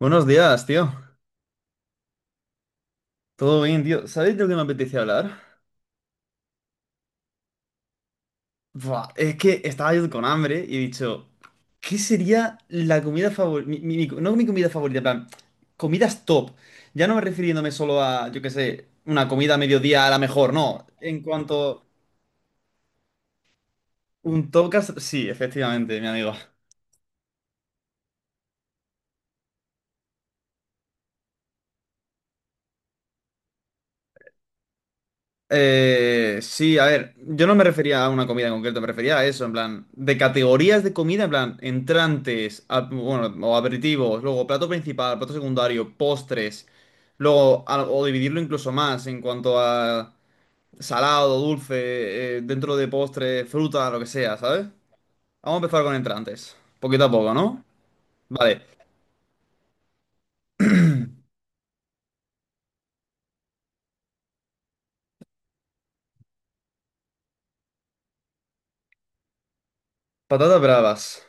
Buenos días, tío. Todo bien, tío. ¿Sabéis de lo que me apetecía hablar? Buah, es que estaba yo con hambre y he dicho, ¿qué sería la comida favorita? No mi comida favorita, en plan, comidas top. Ya no me refiriéndome solo a, yo qué sé, una comida a mediodía a la mejor, no. En cuanto un top, sí, efectivamente, mi amigo. Sí, a ver, yo no me refería a una comida en concreto, me refería a eso, en plan, de categorías de comida, en plan, entrantes, bueno, o aperitivos, luego plato principal, plato secundario, postres, luego, o dividirlo incluso más en cuanto a salado, dulce, dentro de postre, fruta, lo que sea, ¿sabes? Vamos a empezar con entrantes, poquito a poco, ¿no? Vale, patatas bravas.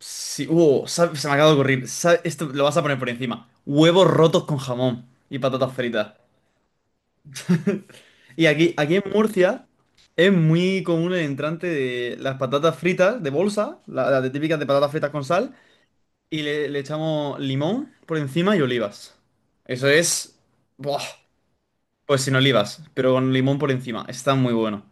Sí, se me acaba de ocurrir. Esto lo vas a poner por encima. Huevos rotos con jamón y patatas fritas. Y aquí, aquí en Murcia es muy común el entrante de las patatas fritas de bolsa, las de típicas de patatas fritas con sal, y le echamos limón por encima y olivas. Eso es... Buah, pues sin olivas, pero con limón por encima. Está muy bueno.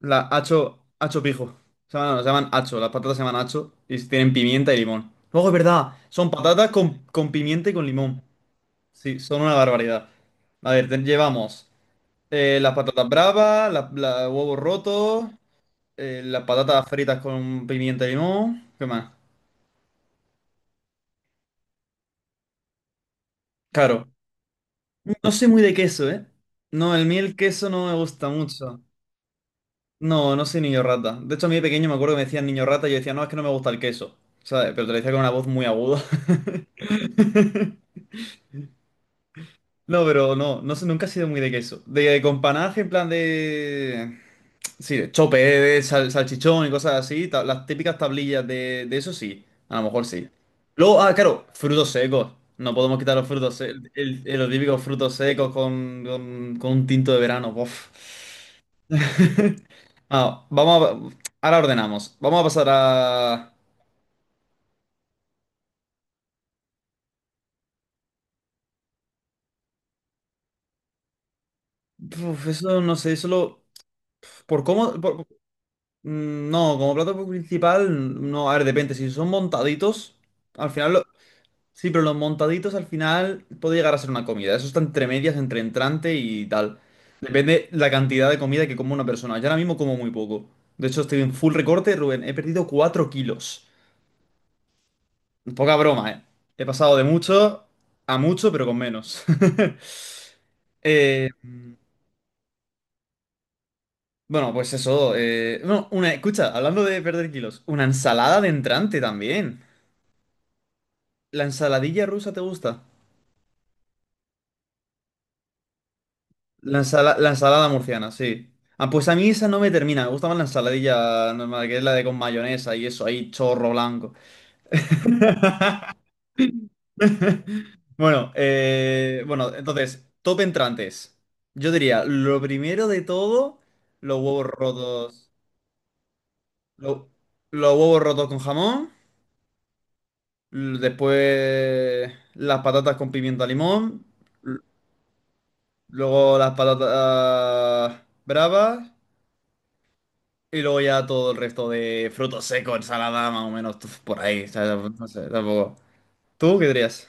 La hacho, hacho pijo. Se llaman hacho, las patatas se llaman hacho y tienen pimienta y limón. Luego es verdad, son patatas con pimienta y con limón. Sí, son una barbaridad. A ver, llevamos las patatas bravas, huevos rotos, las patatas fritas con pimienta y limón. ¿Qué más? Claro. No sé muy de queso, ¿eh? No, el miel queso no me gusta mucho. No, no soy niño rata. De hecho, a mí de pequeño me acuerdo que me decían niño rata y yo decía, no, es que no me gusta el queso. ¿Sabes? Pero te lo decía con una voz muy aguda. No, pero no, no sé, nunca he sido muy de queso. De, con panaje, en plan de. Sí, de chope, salchichón y cosas así. Las típicas tablillas de eso sí. A lo mejor sí. Luego, ah, claro, frutos secos. No podemos quitar los frutos secos. Los típicos frutos secos con un tinto de verano. Bof. Ah, vamos a. Ahora ordenamos. Vamos a pasar a. Uf, eso no sé, solo. Por cómo. No, como plato principal, no, a ver, depende. Si son montaditos, al final lo- sí, pero los montaditos al final puede llegar a ser una comida. Eso está entre medias, entre entrante y tal. Depende la cantidad de comida que coma una persona. Yo ahora mismo como muy poco. De hecho, estoy en full recorte, Rubén. He perdido 4 kilos. Poca broma, ¿eh? He pasado de mucho a mucho, pero con menos. Eh, bueno, pues eso. No, una, Escucha, hablando de perder kilos, una ensalada de entrante también. ¿La ensaladilla rusa te gusta? La ensalada murciana, sí. Ah, pues a mí esa no me termina. Me gusta más la ensaladilla normal, que es la de con mayonesa y eso, ahí chorro blanco. Bueno, entonces, top entrantes. Yo diría, lo primero de todo, los huevos rotos. lo- los huevos rotos con jamón. Después, las patatas con pimiento a limón. l- Luego, las patatas bravas. Y luego ya todo el resto de frutos secos, ensalada, más o menos, tuf, por ahí, ¿sabes? No sé, tampoco. ¿Tú qué dirías?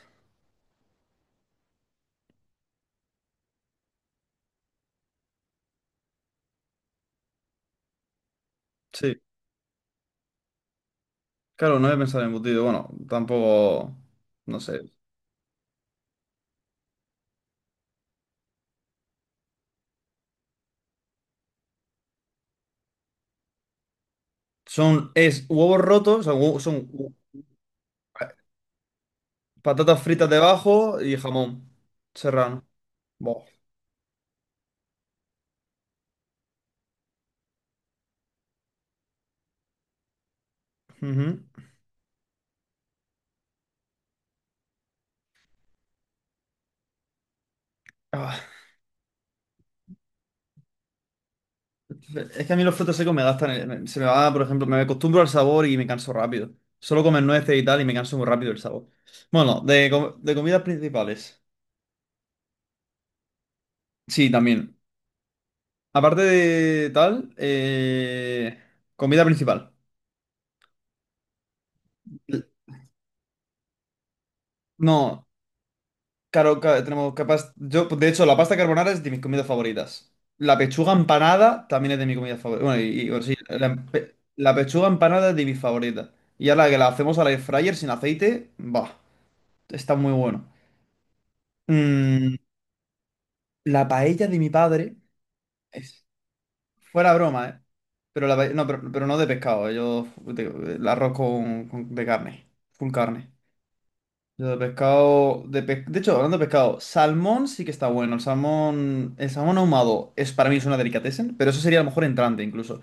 Sí, claro, no he pensado en embutido. Bueno, tampoco, no sé. Son, es huevos rotos, son, hue- son hu- Patatas fritas debajo y jamón serrano. Buah. Ujú. Ah, es que a mí los frutos secos me gastan, se me va, por ejemplo, me acostumbro al sabor y me canso rápido. Solo comer nueces y tal y me canso muy rápido el sabor. Bueno, de comidas principales. Sí, también. Aparte de tal, comida principal. No, claro, tenemos capaz. Yo, de hecho, la pasta carbonara es de mis comidas favoritas. La pechuga empanada también es de mis comidas favoritas. Bueno, bueno, sí, la pechuga empanada es de mis favoritas. Y ahora que la hacemos al air fryer sin aceite, va, está muy bueno. Mm, la paella de mi padre es fuera broma, ¿eh? Pero, no, pero no de pescado, el arroz de carne, full carne. Yo de pescado, de hecho, hablando de pescado, salmón sí que está bueno. El salmón ahumado es para mí es una delicatessen, pero eso sería a lo mejor entrante incluso.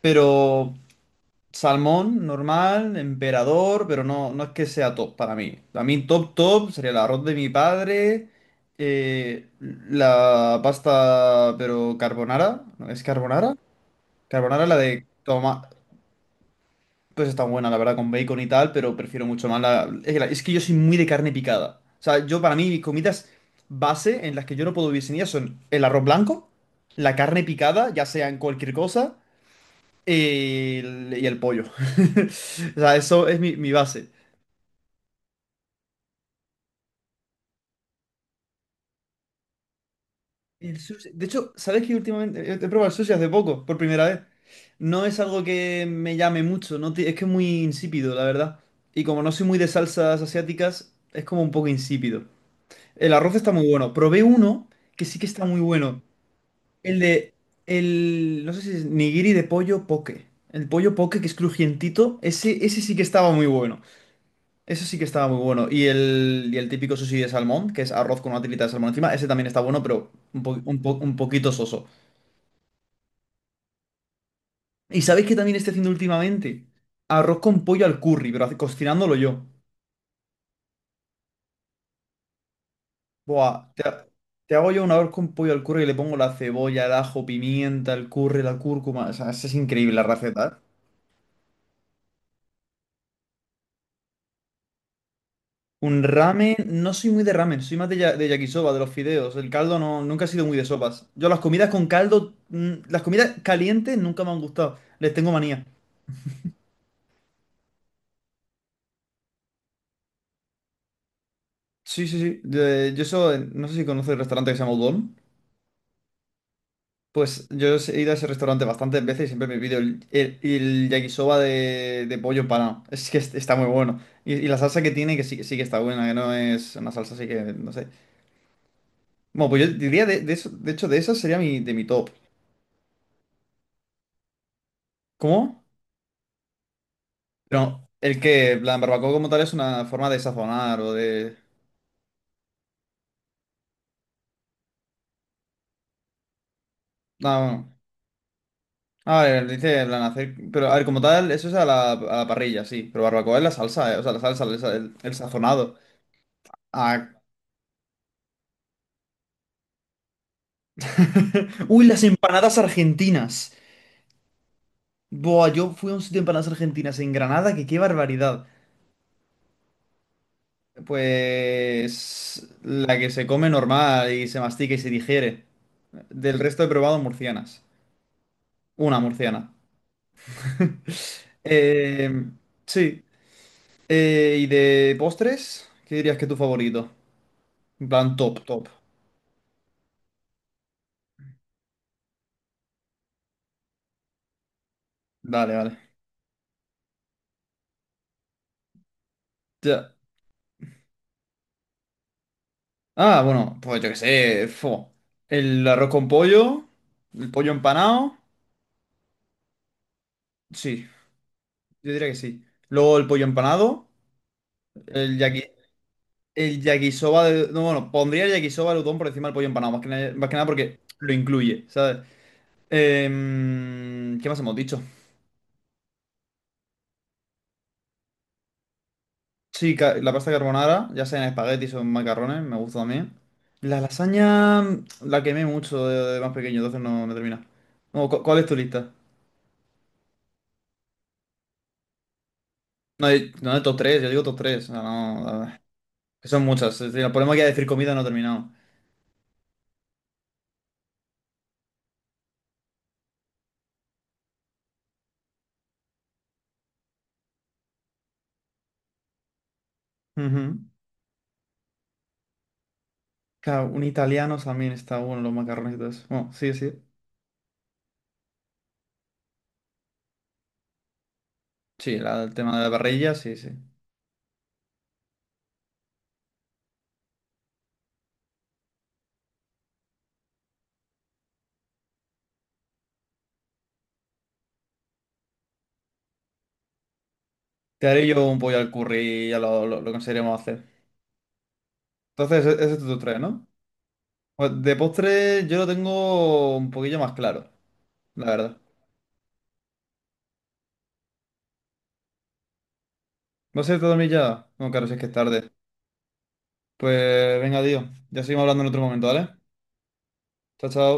Pero salmón normal, emperador, pero no, no es que sea top para mí. A mí top top sería el arroz de mi padre, eh, la pasta, pero carbonara, ¿no? ¿Es carbonara? Carbonara la de tomate. Pues está buena, la verdad, con bacon y tal, pero prefiero mucho más la... Es que, es que yo soy muy de carne picada. O sea, yo para mí mis comidas base en las que yo no puedo vivir sin ellas son el arroz blanco, la carne picada, ya sea en cualquier cosa, y el pollo. O sea, eso es mi base. De hecho, ¿sabes que últimamente he probado el sushi hace poco, por primera vez? No es algo que me llame mucho, no ti- es que es muy insípido, la verdad. Y como no soy muy de salsas asiáticas, es como un poco insípido. El arroz está muy bueno. Probé uno que sí que está muy bueno. El de, el, no sé si es nigiri de pollo poke. El pollo poke que es crujientito, ese sí que estaba muy bueno. Eso sí que estaba muy bueno. Y el típico sushi de salmón, que es arroz con una tirita de salmón encima, ese también está bueno, pero un poquito soso. ¿Y sabéis que también estoy haciendo últimamente? Arroz con pollo al curry, pero cocinándolo yo. Buah, te, Te hago yo una vez con pollo al curry y le pongo la cebolla, el ajo, pimienta, el curry, la cúrcuma. O sea, esa es increíble la receta. ¿Eh? Un ramen, no soy muy de ramen, soy más de, de yakisoba, de los fideos. El caldo no, nunca he sido muy de sopas. Yo las comidas con caldo, las comidas calientes nunca me han gustado. Les tengo manía. Sí, sí, sí. No sé si conoces el restaurante que se llama Udon. Pues yo he ido a ese restaurante bastantes veces y siempre me pido el yakisoba de pollo empanado. Es que está muy bueno. Y la salsa que tiene, que sí que está buena, que no es una salsa así que, no sé. Bueno, pues yo diría de eso, de hecho, de esa sería mi, de mi top. ¿Cómo? No, el que, en plan, barbacoa como tal es una forma de sazonar o de... No, no. A ver, dice, en plan, hacer... Pero, a ver, como tal, eso es a la parrilla, sí. Pero barbacoa es la salsa, O sea, la salsa, el sazonado. Ah, Uy, las empanadas argentinas. Buah, yo fui a un sitio de empanadas argentinas en Granada, que qué barbaridad. Pues la que se come normal y se mastica y se digiere. Del resto he probado murcianas. Una murciana. Eh, sí. ¿Y de postres? ¿Qué dirías que es tu favorito? En plan top, top. Vale, vale. Ya. Ah, bueno, pues yo qué sé. Fo. El arroz con pollo, el pollo empanado. Sí, yo diría que sí. Luego el pollo empanado, el yaki, el yakisoba de... No, bueno, pondría el yakisoba de udon por encima del pollo empanado, más que nada porque lo incluye, ¿sabes? Em, ¿qué más hemos dicho? Sí, la pasta carbonara, ya sea en espaguetis o en macarrones, me gusta también. La lasaña la quemé mucho de más pequeño, entonces no me termina. No, ¿cuál es tu lista? No, no de top 3, yo digo top tres. O sea, no, a ver, que son muchas. Es decir, el problema es que decir comida no he terminado. Ujú. Claro, un italiano también está bueno, los macarrones y todo eso. Bueno, sí, sí. Sí, el tema de la parrilla, sí, sí. Te haré yo un pollo al curry y ya lo conseguiremos hacer. Entonces, ese es tu tres, ¿no? Pues de postre yo lo tengo un poquillo más claro, la verdad. ¿Vas a irte a dormir ya? No, claro, si es que es tarde. Pues venga, tío. Ya seguimos hablando en otro momento, ¿vale? Chao, chao.